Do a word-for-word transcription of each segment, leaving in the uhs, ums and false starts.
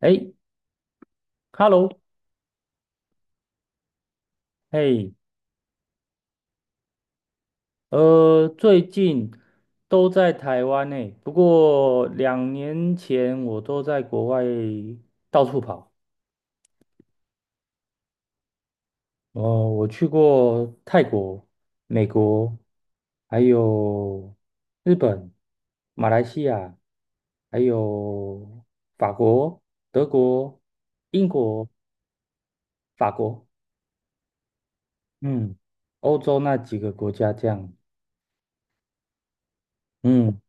哎，Hello，哎，呃，最近都在台湾呢，不过两年前我都在国外到处跑。哦，我去过泰国、美国，还有日本、马来西亚，还有法国、德国、英国、法国，嗯，欧洲那几个国家这样。嗯，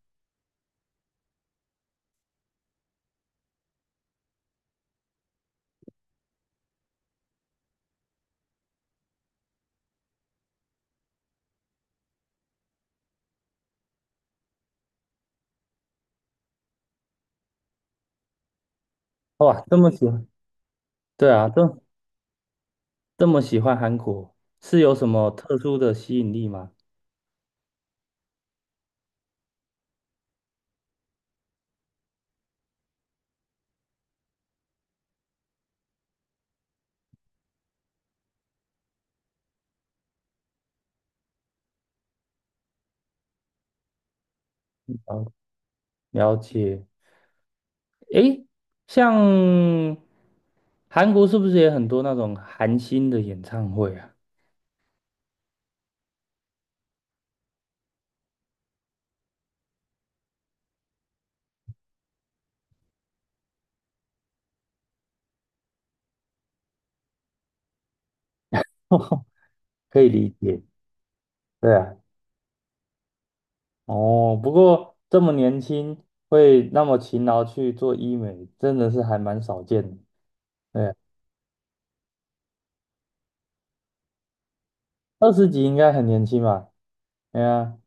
哇，这么喜欢，对啊，这这么喜欢韩国，是有什么特殊的吸引力吗？哦，了解。诶，像韩国是不是也很多那种韩星的演唱会啊？可以理解，对啊，哦，不过这么年轻会那么勤劳去做医美，真的是还蛮少见的。对啊，二十几应该很年轻吧？哎呀，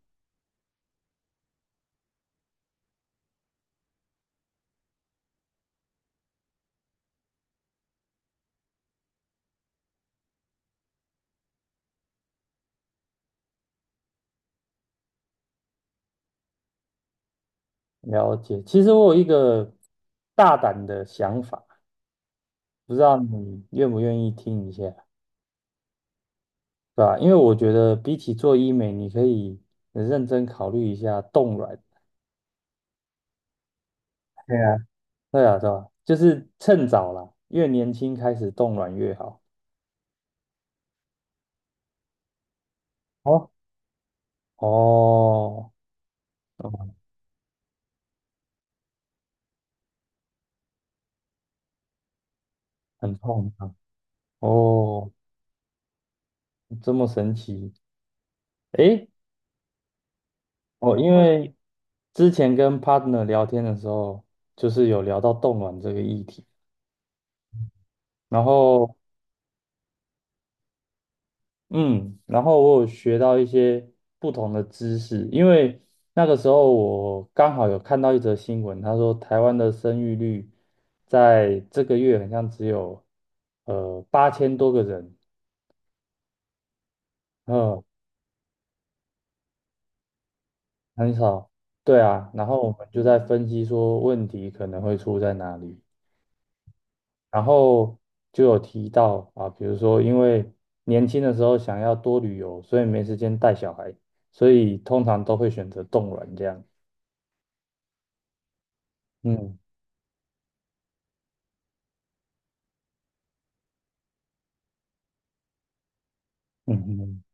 了解。其实我有一个大胆的想法，不知道你愿不愿意听一下？对吧？因为我觉得比起做医美，你可以认真考虑一下冻卵。对啊，对啊，对吧？就是趁早啦，越年轻开始冻卵越好。哦哦，哦，很痛啊！哦，这么神奇。诶，哦，因为之前跟 partner 聊天的时候，就是有聊到冻卵这个议题，然后嗯，然后我有学到一些不同的知识，因为那个时候我刚好有看到一则新闻，他说台湾的生育率在这个月好像只有呃八千多个人，嗯，很少，对啊，然后我们就在分析说问题可能会出在哪里，然后就有提到啊，比如说因为年轻的时候想要多旅游，所以没时间带小孩，所以通常都会选择冻卵这样。嗯。嗯嗯，嗯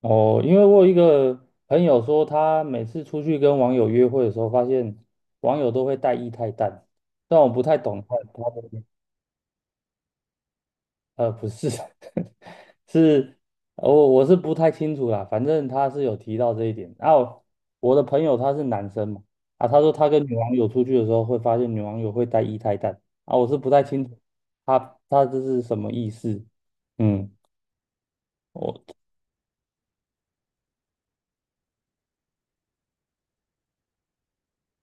哦，因为我有一个朋友说，他每次出去跟网友约会的时候，发现网友都会带液态氮，但我不太懂他他的，呃，不是，是，我我是不太清楚啦，反正他是有提到这一点。然后我的朋友他是男生嘛，啊，他说他跟女网友出去的时候会发现女网友会带液态氮，啊，我是不太清楚他他这是什么意思，嗯。我。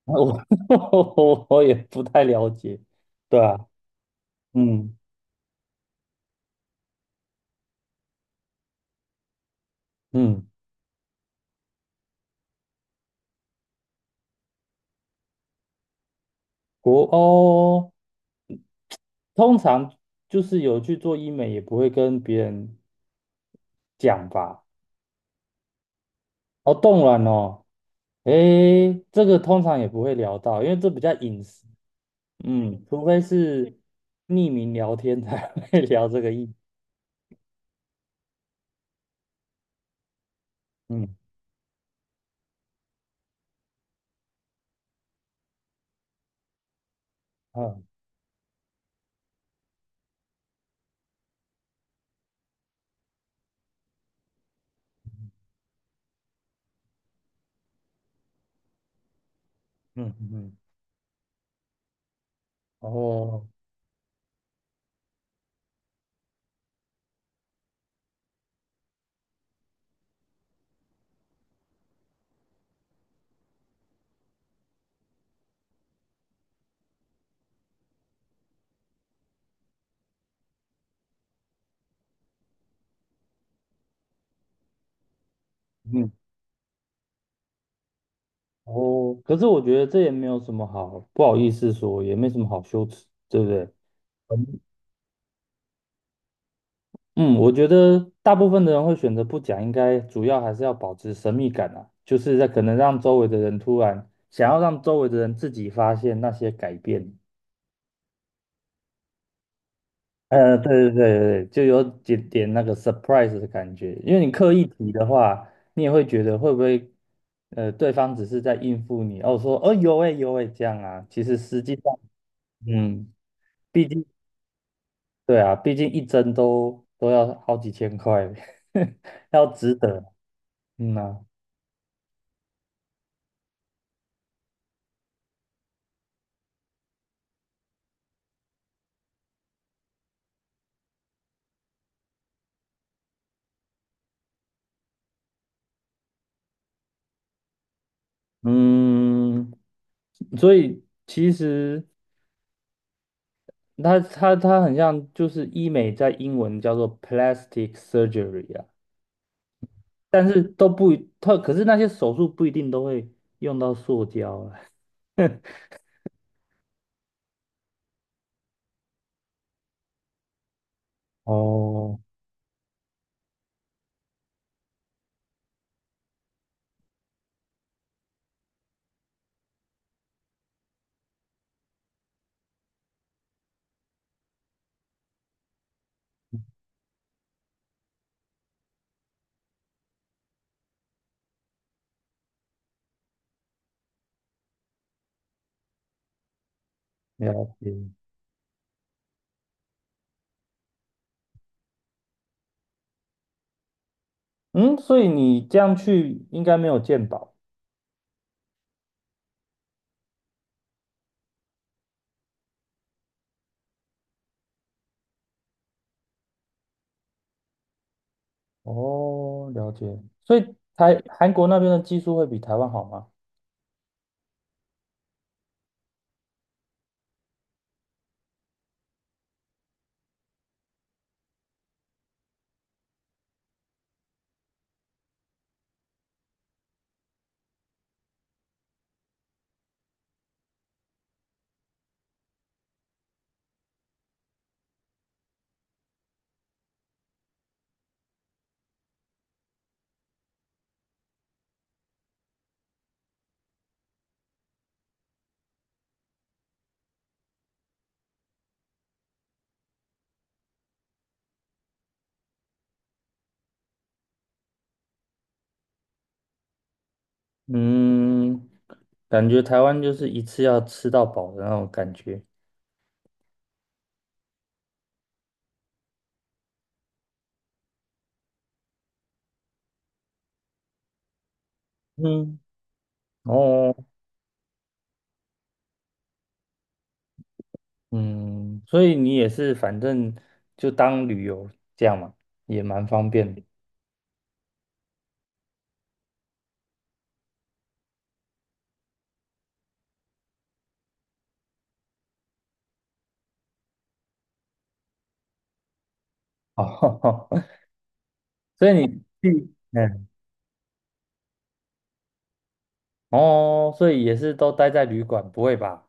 我 我也不太了解，对啊，嗯嗯，国欧通常就是有去做医美，也不会跟别人讲吧？哦，冻卵哦，诶，这个通常也不会聊到，因为这比较隐私，嗯，除非是匿名聊天才会 聊这个议题，嗯嗯嗯嗯，哦嗯哦，可是我觉得这也没有什么好不好意思说，也没什么好羞耻，对不对？嗯，我觉得大部分的人会选择不讲，应该主要还是要保持神秘感啊，就是在可能让周围的人突然想要让周围的人自己发现那些改变。呃，对对对对，就有点点那个 surprise 的感觉，因为你刻意提的话，你也会觉得会不会，呃，对方只是在应付你，哦，说哦有诶有诶这样啊，其实实际上，嗯，毕竟对啊，毕竟一针都都要好几千块，要值得，嗯呐、嗯，所以其实它它它很像，就是医美在英文叫做 plastic surgery 啊，但是都不一，它可是那些手术不一定都会用到塑胶啊。哦，了解。嗯，所以你这样去应该没有健保。哦，了解。所以台韩国那边的技术会比台湾好吗？嗯，感觉台湾就是一次要吃到饱的那种感觉。嗯。哦，嗯，所以你也是反正就当旅游这样嘛，也蛮方便的。哦，所以你去，嗯，哦，所以也是都待在旅馆，不会吧？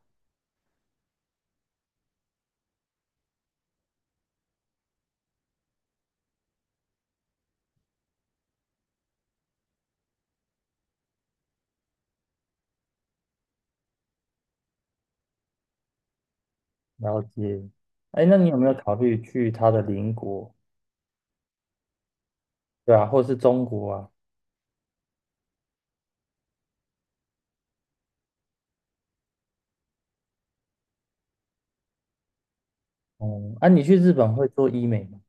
了解。哎，那你有没有考虑去他的邻国？对啊，或是中国啊？哦，啊，你去日本会做医美吗？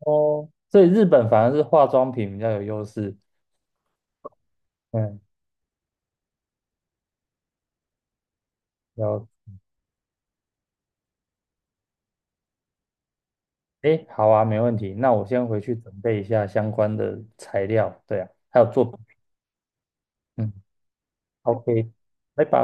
哦，所以日本反而是化妆品比较有优势。嗯，了，哎，好啊，没问题。那我先回去准备一下相关的材料。对啊，还有作品。嗯。OK，拜拜。